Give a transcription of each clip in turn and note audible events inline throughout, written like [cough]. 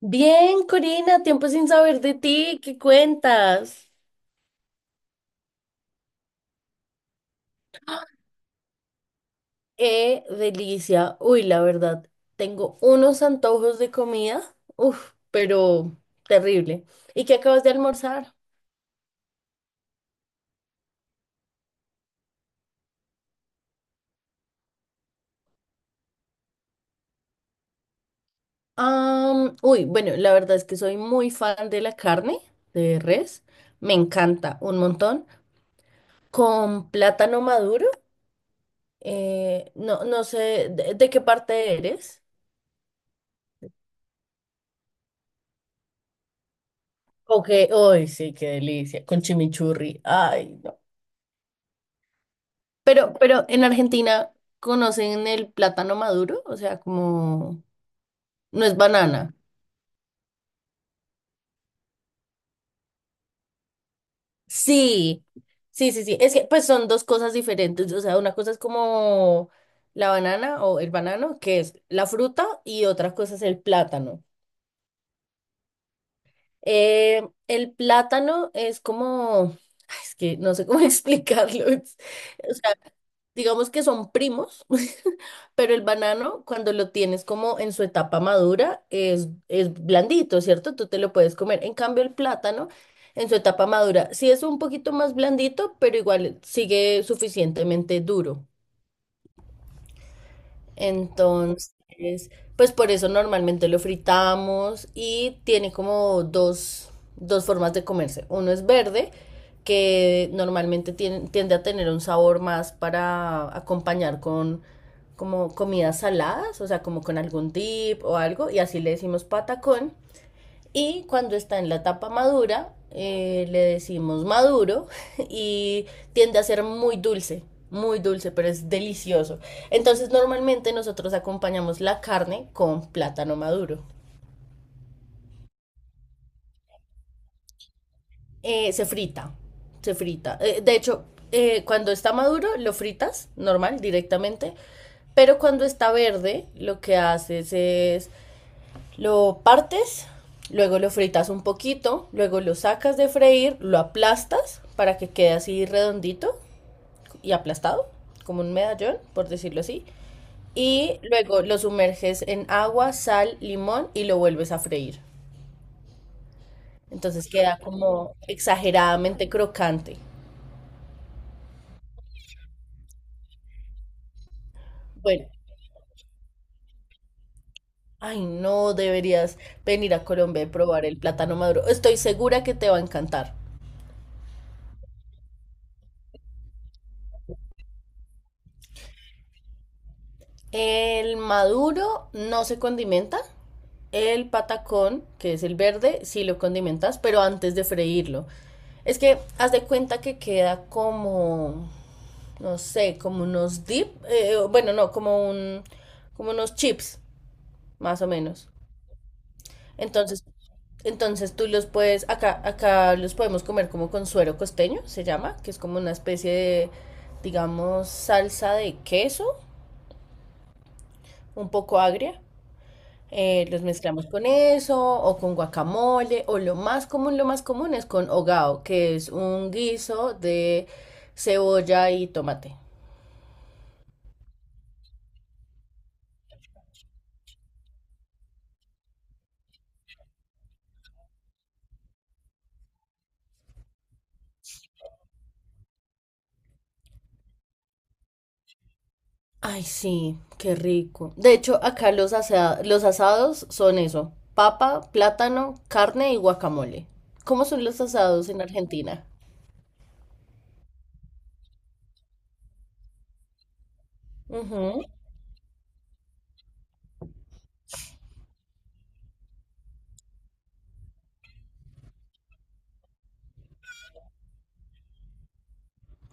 Bien, Corina, tiempo sin saber de ti, ¿qué cuentas? ¡Qué delicia! Uy, la verdad, tengo unos antojos de comida, uf, pero terrible. ¿Y qué acabas de almorzar? Bueno, la verdad es que soy muy fan de la carne de res, me encanta un montón, con plátano maduro, no, no sé, ¿de qué parte eres? Ok, uy, sí, qué delicia, con chimichurri, ay, no. Pero en Argentina conocen el plátano maduro, o sea, como no es banana. Sí, sí, sí, sí. Es que pues son dos cosas diferentes. O sea, una cosa es como la banana o el banano, que es la fruta, y otra cosa es el plátano. El plátano es como, ay, es que no sé cómo [laughs] explicarlo. Digamos que son primos, [laughs] pero el banano cuando lo tienes como en su etapa madura es blandito, ¿cierto? Tú te lo puedes comer. En cambio, el plátano en su etapa madura sí es un poquito más blandito, pero igual sigue suficientemente duro. Entonces, pues por eso normalmente lo fritamos y tiene como dos formas de comerse. Uno es verde, que normalmente tiende a tener un sabor más para acompañar con como comidas saladas, o sea, como con algún dip o algo, y así le decimos patacón. Y cuando está en la etapa madura, le decimos maduro [laughs] y tiende a ser muy dulce, pero es delicioso. Entonces normalmente nosotros acompañamos la carne con plátano maduro. Se frita, se frita. De hecho, cuando está maduro lo fritas normal, directamente, pero cuando está verde lo que haces es lo partes, luego lo fritas un poquito, luego lo sacas de freír, lo aplastas para que quede así redondito y aplastado, como un medallón, por decirlo así. Y luego lo sumerges en agua, sal, limón y lo vuelves a freír. Entonces queda como exageradamente crocante. Bueno, ay no, deberías venir a Colombia y probar el plátano maduro. Estoy segura que te va a encantar. El maduro no se condimenta, el patacón, que es el verde, sí lo condimentas, pero antes de freírlo. Es que haz de cuenta que queda como, no sé, como unos dip, bueno, no, como un, como unos chips, más o menos. Entonces, entonces tú los puedes, acá, acá los podemos comer como con suero costeño, se llama, que es como una especie de, digamos, salsa de queso, un poco agria. Los mezclamos con eso, o con guacamole, o lo más común es con hogao, que es un guiso de cebolla y tomate. Ay, sí, qué rico. De hecho, acá los asados son eso, papa, plátano, carne y guacamole. ¿Cómo son los asados en Argentina? Ujú.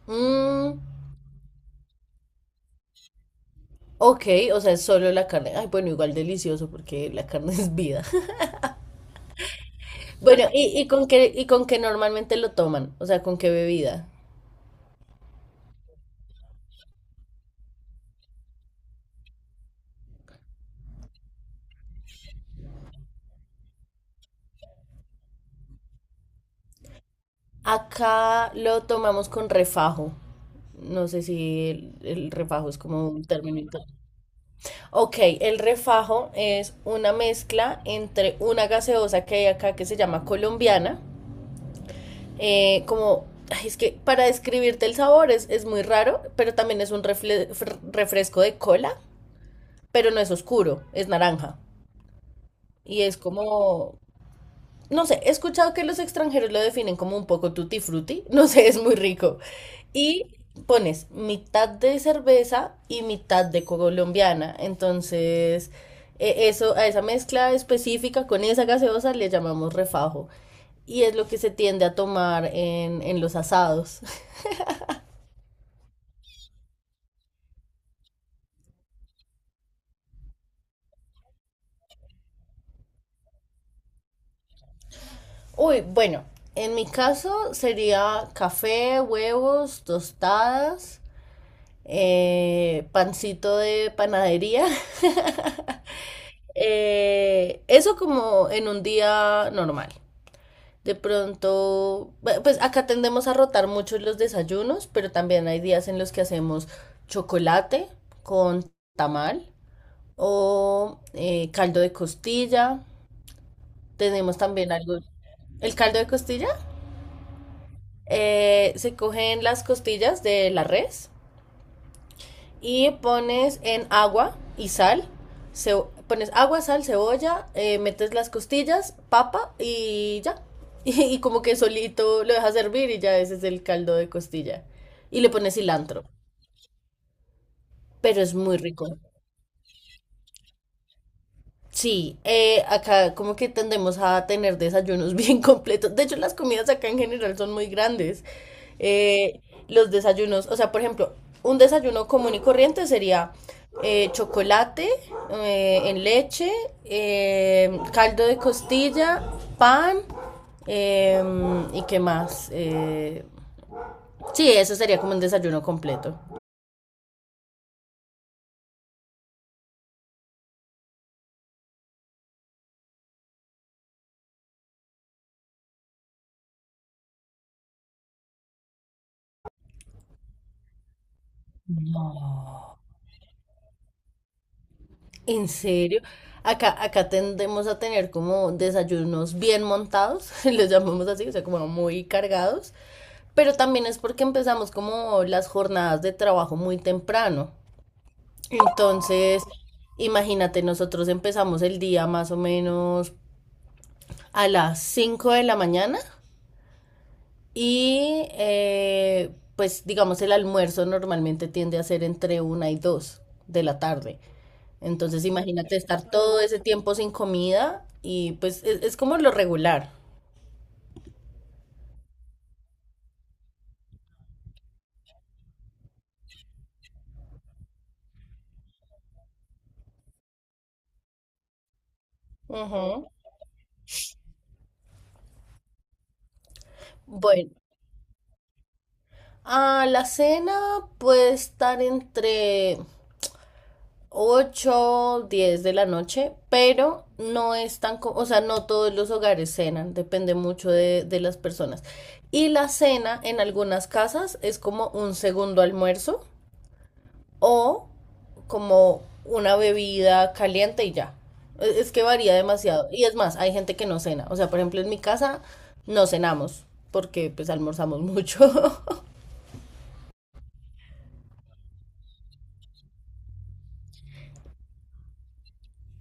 Mm, ok, o sea, es solo la carne. Ay, bueno, igual delicioso porque la carne [laughs] es vida. Bueno, ¿y con qué, con qué normalmente lo toman? O sea, ¿con qué bebida? Acá lo tomamos con refajo. No sé si el refajo es como un término. Ok, el refajo es una mezcla entre una gaseosa que hay acá que se llama colombiana. Como, ay, es que para describirte el sabor es muy raro, pero también es un refresco de cola, pero no es oscuro, es naranja. Y es como, no sé, he escuchado que los extranjeros lo definen como un poco tutti frutti, no sé, es muy rico. Y pones mitad de cerveza y mitad de colombiana, entonces eso a esa mezcla específica con esa gaseosa le llamamos refajo y es lo que se tiende a tomar en los asados. [laughs] Uy, bueno, en mi caso sería café, huevos, tostadas, pancito de panadería. [laughs] Eso como en un día normal. De pronto, pues acá tendemos a rotar mucho los desayunos, pero también hay días en los que hacemos chocolate con tamal o caldo de costilla. Tenemos también algo, el caldo de costilla. Se cogen las costillas de la res y pones en agua y sal. Ce- pones agua, sal, cebolla, metes las costillas, papa y ya. [laughs] Y, como que solito lo dejas hervir y ya ese es el caldo de costilla. Y le pones cilantro. Pero es muy rico. Sí, acá como que tendemos a tener desayunos [laughs] bien completos. De hecho, las comidas acá en general son muy grandes. Eh, los desayunos, o sea, por ejemplo, un desayuno común y corriente sería chocolate en leche, caldo de costilla, pan y qué más. Sí, eso sería como un desayuno completo. ¿En serio? Acá tendemos a tener como desayunos bien montados, [laughs] los llamamos así, o sea, como muy cargados, pero también es porque empezamos como las jornadas de trabajo muy temprano. Entonces, imagínate, nosotros empezamos el día más o menos a las 5 de la mañana. Y pues digamos el almuerzo normalmente tiende a ser entre una y dos de la tarde. Entonces imagínate estar todo ese tiempo sin comida y pues es como lo regular. Ujú. Bueno, a la cena puede estar entre 8 y 10 de la noche, pero no es tan, o sea, no todos los hogares cenan, depende mucho de las personas. Y la cena en algunas casas es como un segundo almuerzo o como una bebida caliente y ya. Es que varía demasiado. Y es más, hay gente que no cena. O sea, por ejemplo, en mi casa no cenamos porque pues almorzamos mucho. [laughs]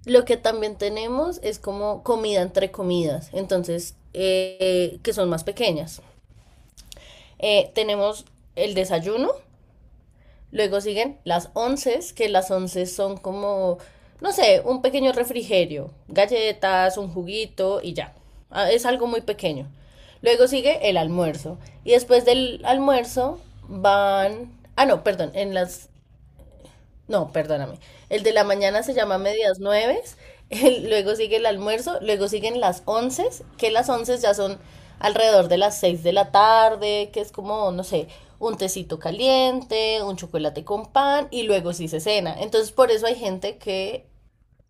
Lo que también tenemos es como comida entre comidas, entonces, que son más pequeñas. Tenemos el desayuno, luego siguen las onces, que las onces son como, no sé, un pequeño refrigerio, galletas, un juguito y ya. Ah, es algo muy pequeño. Luego sigue el almuerzo. Y después del almuerzo van... Ah, no, perdón, en las no, perdóname. El de la mañana se llama medias nueves, luego sigue el almuerzo, luego siguen las once, que las once ya son alrededor de las 6 de la tarde, que es como, no sé, un tecito caliente, un chocolate con pan, y luego sí se cena. Entonces, por eso hay gente que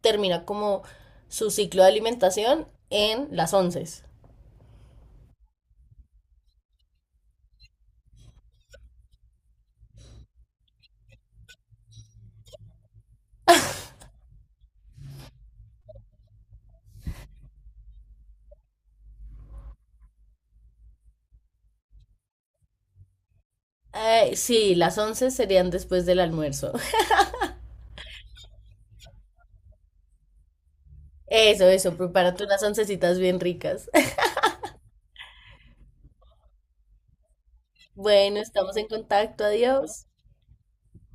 termina como su ciclo de alimentación en las once. Sí, las once serían después del almuerzo. [laughs] Eso, prepárate unas oncecitas bien ricas. [laughs] Bueno, estamos en contacto, adiós.